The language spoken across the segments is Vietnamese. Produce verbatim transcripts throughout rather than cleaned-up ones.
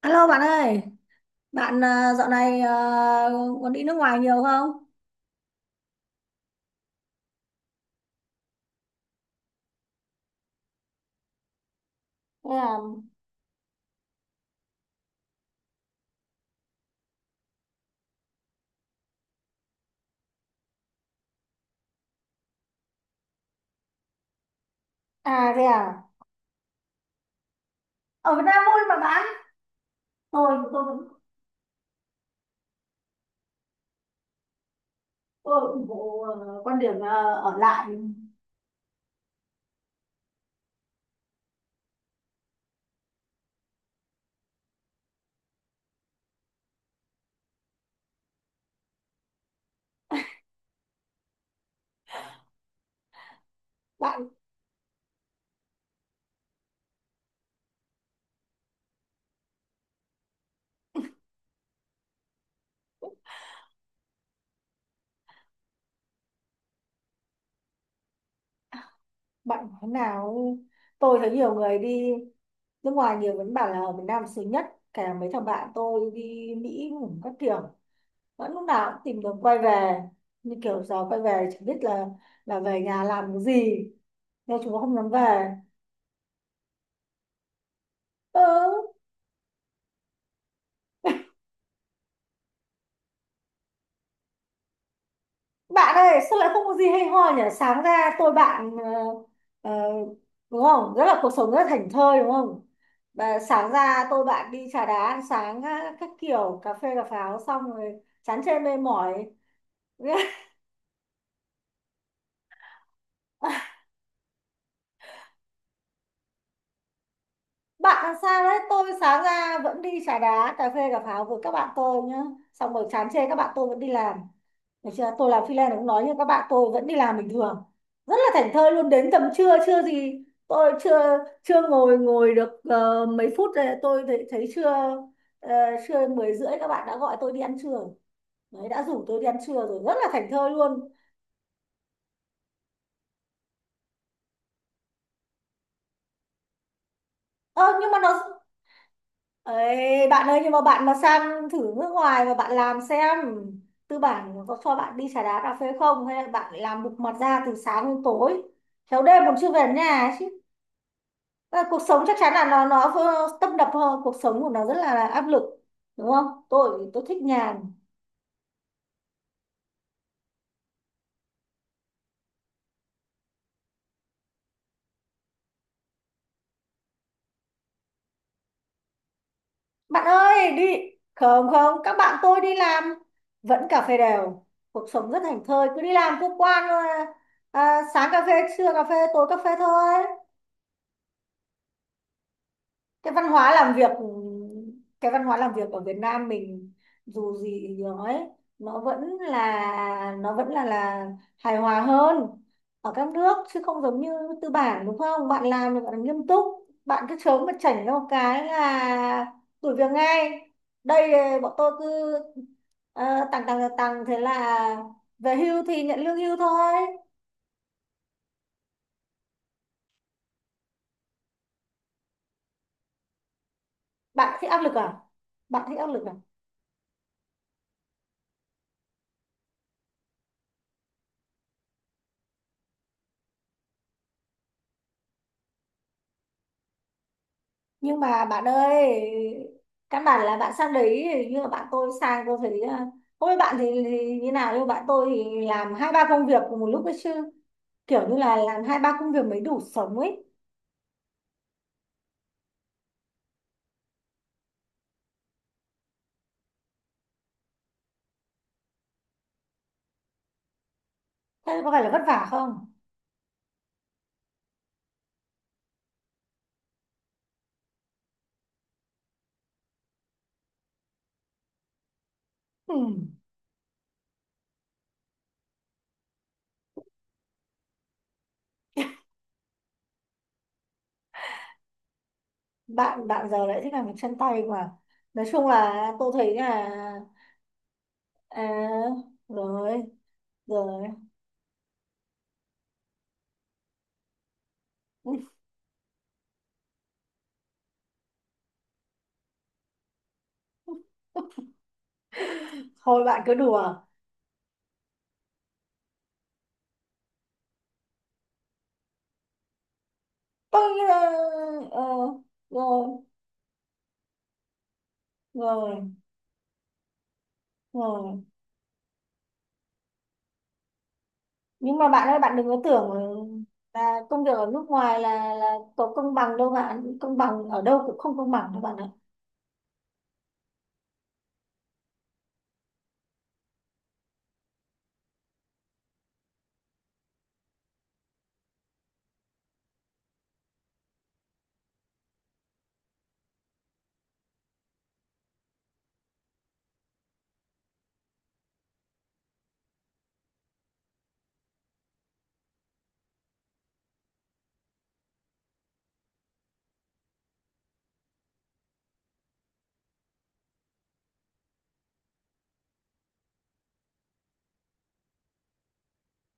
Alo bạn ơi, bạn à, dạo này à, còn đi nước ngoài nhiều không? Thế à, à thế à, ở Việt Nam vui mà bạn. Tôi tôi vẫn- tôi ủng hộ ờ, quan điểm ờ, ở lại. Bạn bạn nói thế nào ấy. Tôi thấy nhiều người đi nước ngoài nhiều vẫn bảo là ở Việt Nam sướng nhất, cả mấy thằng bạn tôi đi Mỹ cũng các kiểu vẫn lúc nào cũng tìm đường quay về, như kiểu giờ quay về chẳng biết là là về nhà làm cái gì, nên chúng nó không dám về. Ừ, bạn ơi sao lại không có gì hay ho nhỉ, sáng ra tôi bạn ờ, ờ, đúng không, rất là cuộc sống rất là thảnh thơi đúng không. Và sáng ra tôi bạn đi trà đá ăn sáng á, các kiểu cà phê cà pháo xong rồi chán chê mê mỏi. Bạn làm sao đấy, tôi sáng ra vẫn đi trà đá cà phê cà pháo với các bạn tôi nhá, xong rồi chán chê các bạn tôi vẫn đi làm. Được chưa? Tôi làm freelance cũng nói như các bạn tôi vẫn đi làm bình thường. Rất là thảnh thơi luôn, đến tầm trưa chưa gì tôi chưa chưa ngồi ngồi được ờ, mấy phút rồi, tôi thấy, thấy trưa, ờ, trưa mười rưỡi các bạn đã gọi tôi đi ăn trưa rồi. Đấy, đã rủ tôi đi ăn trưa rồi, rất là thảnh thơi luôn. Ơ nhưng mà nó... Ê, bạn ơi nhưng mà bạn mà sang thử nước ngoài mà bạn làm xem, tư bản có cho bạn đi trà đá cà phê không, hay là bạn lại làm bục mặt ra từ sáng đến tối, khéo đêm còn chưa về đến nhà ấy chứ. Ờ, cuộc sống chắc chắn là nó nó vô- tấp nập hơn, cuộc sống của nó rất là áp lực đúng không, tôi tôi thích nhàn. Bạn ơi đi, không không các bạn tôi đi làm vẫn cà phê đều, cuộc sống rất thảnh thơi, cứ đi làm cứ qua à, à, sáng cà phê trưa cà phê tối cà phê thôi. Cái văn hóa làm việc, cái văn hóa làm việc ở Việt Nam mình dù gì thì nói nó vẫn là nó vẫn là là hài hòa hơn ở các nước, chứ không giống như tư bản đúng không, bạn làm thì bạn làm nghiêm túc, bạn cứ chớm mà chảnh ra một cái là đuổi việc ngay. Đây, bọn tôi cứ ờ, tằng tằng tằng, thế là về hưu thì nhận lương hưu thôi. Bạn thích áp lực à? Bạn thích áp lực à? Nhưng mà bạn ơi, căn bản là bạn sang đấy, nhưng mà bạn tôi sang tôi thấy à, không biết bạn thì, thì như nào, nhưng mà bạn tôi thì làm hai ba công việc cùng một lúc ấy chứ, kiểu như là làm hai ba công việc mới đủ sống ấy. Thế có phải là vất vả không? Ừ. Bạn bạn giờ lại thích làm việc chân tay mà, nói chung là tôi thấy là à, rồi, rồi. Thôi bạn cứ đùa, tôi ờ, ờ, rồi, rồi, rồi. Nhưng mà bạn ơi, bạn đừng có tưởng là công việc ở nước ngoài là là có công bằng đâu bạn, công bằng ở đâu cũng không công bằng đâu bạn ạ.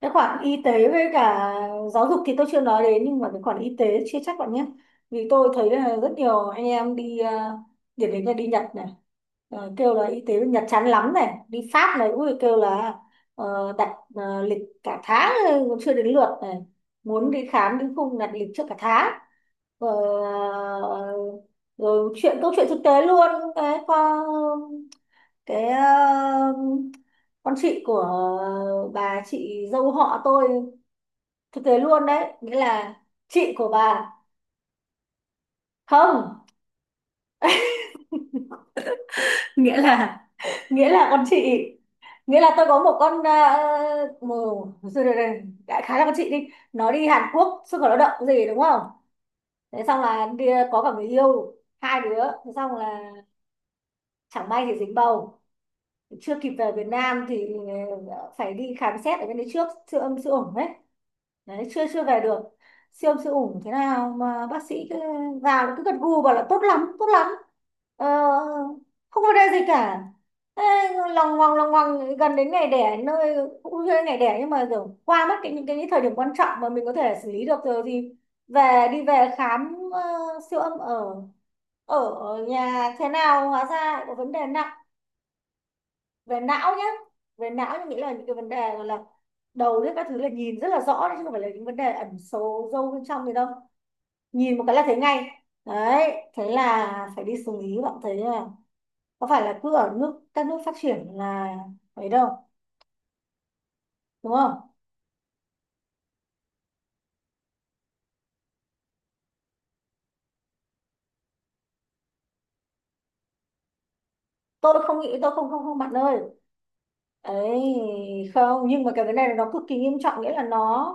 Cái khoản y tế với cả giáo dục thì tôi chưa nói đến, nhưng mà cái khoản y tế chưa chắc bạn nhé, vì tôi thấy là rất nhiều anh em đi ờ, điển hình là đi Nhật này, ờ, kêu là y tế bên Nhật chán lắm này, đi Pháp này ui kêu là ờ, đặt ờ, lịch cả tháng rồi còn chưa đến lượt này, muốn đi khám đến khung đặt lịch trước cả tháng. Ờ, ờ, rồi chuyện câu chuyện thực tế luôn, cái con, cái ờ, con chị của bà chị dâu họ tôi, thực tế luôn đấy, nghĩa là chị của bà, không, nghĩa là, nghĩa là con chị, nghĩa là tôi có một con uh, một, rồi, rồi, rồi, đại khái là con chị đi, nó đi Hàn Quốc xuất khẩu lao động gì đúng không, thế xong là đi, ờ, có cả người yêu hai đứa, thế xong là chẳng may thì dính bầu, chưa kịp về Việt Nam thì ờ, phải đi khám xét ở bên đấy trước, siêu âm siêu ổn đấy, đấy chưa chưa về được, siêu âm siêu ủng thế nào mà bác sĩ cứ vào cứ gật gù bảo là tốt lắm tốt lắm, ờ, không có vấn đề gì cả. Ê, lòng ngoằng lòng ngoằng gần đến ngày đẻ nơi, cũng chưa đến ngày đẻ nhưng mà kiểu qua mất cái những cái thời điểm quan trọng mà mình có thể xử lý được rồi, thì về, đi về khám ờ, siêu âm ở ở ở nhà thế nào hóa ra lại có vấn đề nặng về não nhé. Về não thì nghĩ là những cái vấn đề gọi là đầu đấy các thứ, là nhìn rất là rõ đấy, chứ không phải là những vấn đề ẩn sâu sâu bên trong gì đâu, nhìn một cái là thấy ngay đấy, thế là phải đi xử lý, bạn thấy là có phải là cứ ở nước các nước phát triển là ấy đâu, đúng không. Tôi không nghĩ, tôi không không không bạn ơi, ấy, không, nhưng mà cái vấn đề này nó cực kỳ nghiêm trọng, nghĩa là nó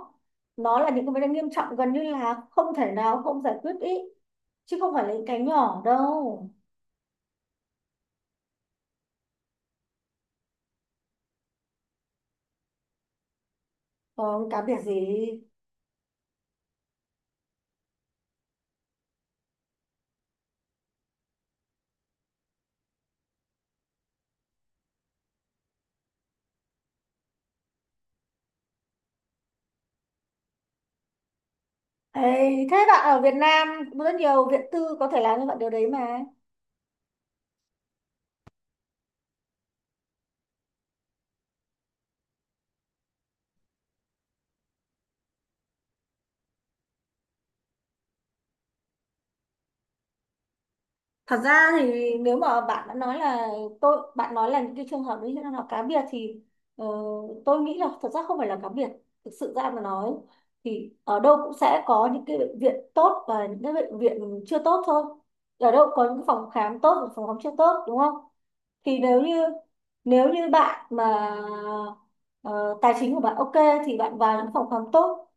nó là những cái vấn đề nghiêm trọng gần như là không thể nào không giải quyết ý, chứ không phải là những cái nhỏ đâu. Còn cá biệt gì. Ê, thế bạn ở Việt Nam cũng rất nhiều viện tư có thể làm cho bạn điều đấy mà. Thật ra thì nếu mà bạn đã nói là tôi, bạn nói là những cái trường hợp đấy là cá biệt thì ờ, tôi nghĩ là thật ra không phải là cá biệt. Thực sự ra mà nói thì ở đâu cũng sẽ có những cái bệnh viện tốt và những cái bệnh viện chưa tốt thôi. Ở đâu cũng có những phòng khám tốt và phòng khám chưa tốt đúng không? Thì nếu như, nếu như bạn mà ờ, tài chính của bạn ok thì bạn vào những phòng khám tốt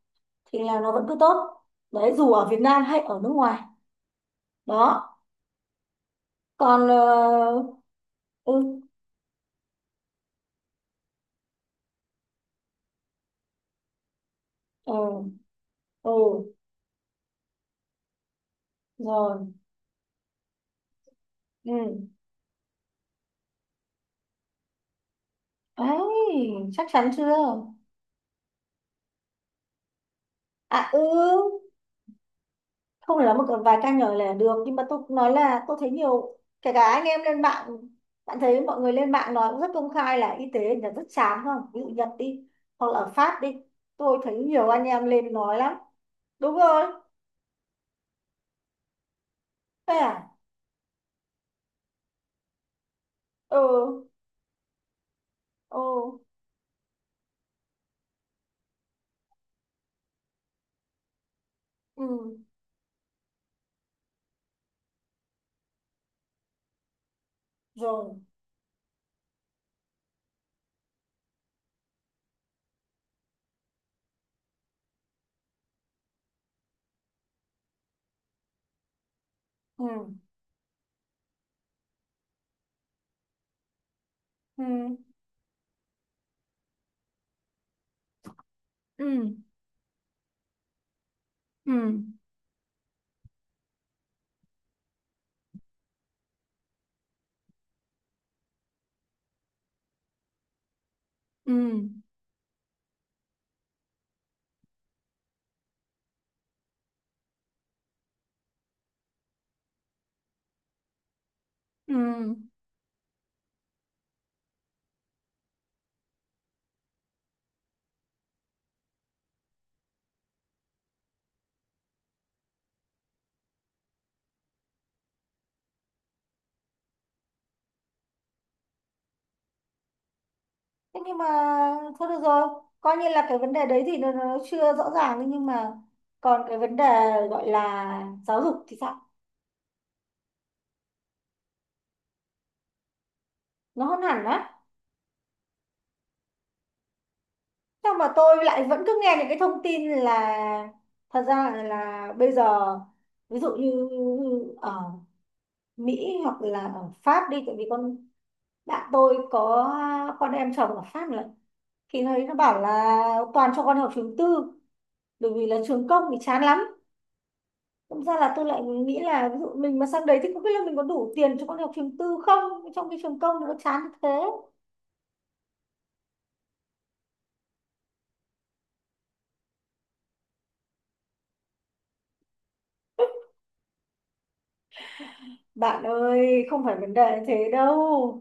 thì là nó vẫn cứ tốt, đấy dù ở Việt Nam hay ở nước ngoài đó. Còn ờ, ừ, ừ, ừ, rồi, ừ, ấy, chắc chắn chưa, à ừ, không phải là một vài ca nhỏ là được, nhưng mà tôi cũng nói là tôi thấy nhiều, kể cả anh em lên mạng, bạn thấy mọi người lên mạng nói cũng rất công khai là y tế là rất chán không, ví dụ Nhật đi, hoặc là ở Pháp đi, tôi thấy nhiều anh em lên nói lắm. Đúng rồi. Thế à. Ừ, ừ, ừ, rồi, ừ, ừ, ừ, ừ, ừ, ừ. Thế nhưng mà, thôi được rồi, coi như là cái vấn đề đấy thì nó, nó chưa rõ ràng ấy, nhưng mà còn cái vấn đề gọi là giáo dục thì sao? Nó hơn hẳn á? Sao mà tôi lại vẫn cứ nghe những cái thông tin là thật ra là, là bây giờ ví dụ như ở Mỹ hoặc là ở Pháp đi, tại vì con bạn tôi có con em chồng ở Pháp nữa, thì nó nó bảo là toàn cho con học trường tư, bởi vì là trường công thì chán lắm. Thực ra là tôi lại nghĩ là ví dụ mình mà sang đấy thì không biết là mình có đủ tiền cho con học trường tư không, trong khi trường công nó chán như thế. Bạn ơi không phải vấn đề như thế đâu,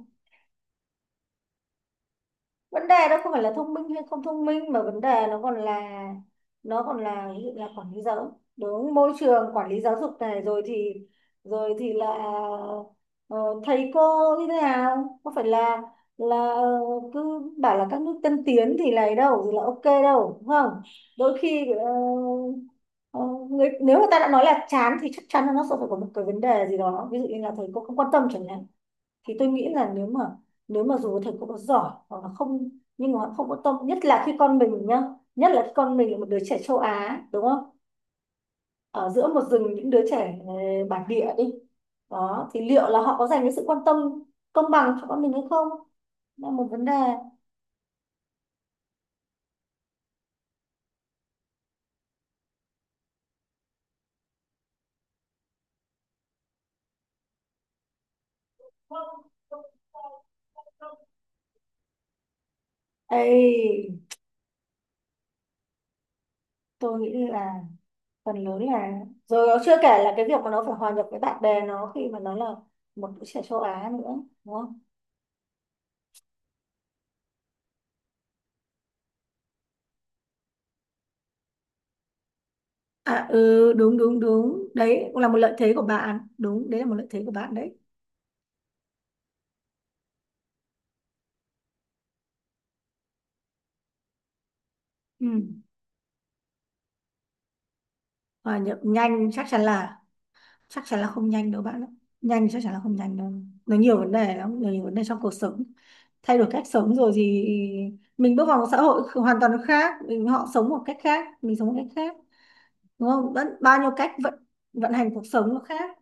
vấn đề đó không phải là thông minh hay không thông minh mà vấn đề nó còn là nó còn là ví dụ là quản lý giáo dục, đúng, môi trường quản lý giáo dục này, rồi thì rồi thì là ờ, thầy cô như thế nào, có phải là là ờ, cứ bảo là các nước tân tiến thì này đâu thì là ok đâu đúng không, đôi khi ờ, ờ, người, nếu mà ta đã nói là chán thì chắc chắn là nó sẽ phải có một cái vấn đề gì đó, ví dụ như là thầy cô không quan tâm chẳng hạn, thì tôi nghĩ là nếu mà, nếu mà dù thầy cô có giỏi hoặc là không, nhưng mà họ không có tâm, nhất là khi con mình nhá, nhất là khi con mình là một đứa trẻ châu Á đúng không, ở giữa một rừng những đứa trẻ ờ, bản địa đi, đó thì liệu là họ có dành cái sự quan tâm công bằng cho con mình hay không, là một vấn đề. Ê, tôi nghĩ là phần lớn là, rồi nó chưa kể là cái việc mà nó phải hòa nhập với bạn bè nó khi mà nó là một đứa trẻ châu Á nữa đúng không? À ừ đúng đúng đúng, đấy cũng là một lợi thế của bạn, đúng, đấy là một lợi thế của bạn đấy. Ừ. Hòa nhập nhanh chắc chắn là, chắc chắn là không nhanh đâu bạn ạ, nhanh chắc chắn là không nhanh đâu, nó nhiều vấn đề lắm, nó nhiều vấn đề trong cuộc sống, thay đổi cách sống rồi thì mình bước vào một xã hội hoàn toàn khác mình, họ sống một cách khác, mình sống một cách khác. Đúng không? Vẫn, bao nhiêu cách vận, vận hành cuộc sống nó khác.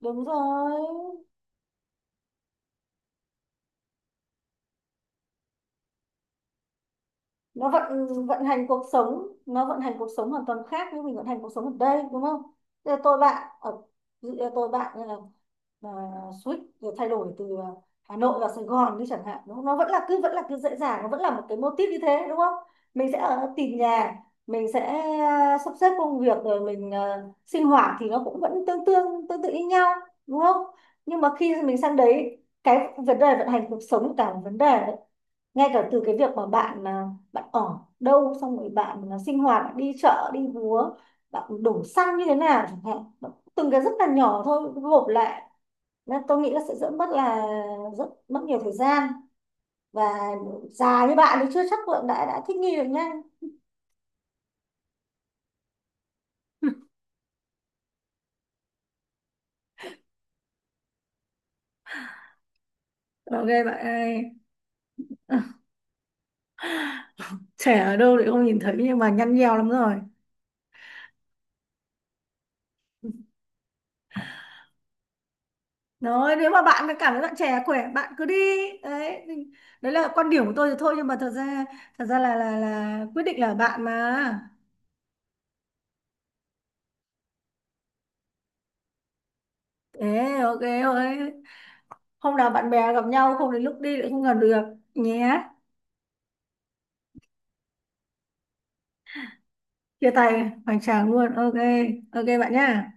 Đúng rồi, nó vận vận hành cuộc sống, nó vận hành cuộc sống hoàn toàn khác với mình vận hành cuộc sống ở đây đúng không. Thế tôi bạn ở, ví dụ tôi bạn như là à, switch, rồi thay đổi từ ờ, Hà Nội vào Sài Gòn đi chẳng hạn đúng, nó vẫn là cứ, vẫn là cứ dễ dàng, nó vẫn là một cái mô típ như thế đúng không, mình sẽ ở tìm nhà, mình sẽ à, sắp xếp công việc, rồi mình à, sinh hoạt thì nó cũng vẫn tương tương tương tự như nhau đúng không, nhưng mà khi mình sang đấy cái vấn đề vận hành cuộc sống cả một vấn đề đấy, ngay cả từ cái việc mà bạn à, bạn ở đâu, xong rồi bạn ờ, sinh hoạt, bạn đi chợ đi búa, bạn đổ xăng như thế nào chẳng hạn, từng cái rất là nhỏ thôi gộp lại, nên tôi nghĩ là sẽ rất mất là rất mất nhiều thời gian, và già như bạn thì chưa chắc là đã đã thích nghi được nhanh. Ok bạn ơi, trẻ ở đâu thì không nhìn thấy nhưng mà nhăn nheo lắm rồi. Nói nếu mà bạn cảm thấy bạn trẻ khỏe bạn cứ đi. Đấy, đấy là quan điểm của tôi thì thôi, nhưng mà thật ra, thật ra là là là quyết định là bạn mà. Thế ok ơi, hôm nào bạn bè gặp nhau, không đến lúc đi lại không gần được nhé. Chia tay hoành tráng luôn. Ok. Ok bạn nhá.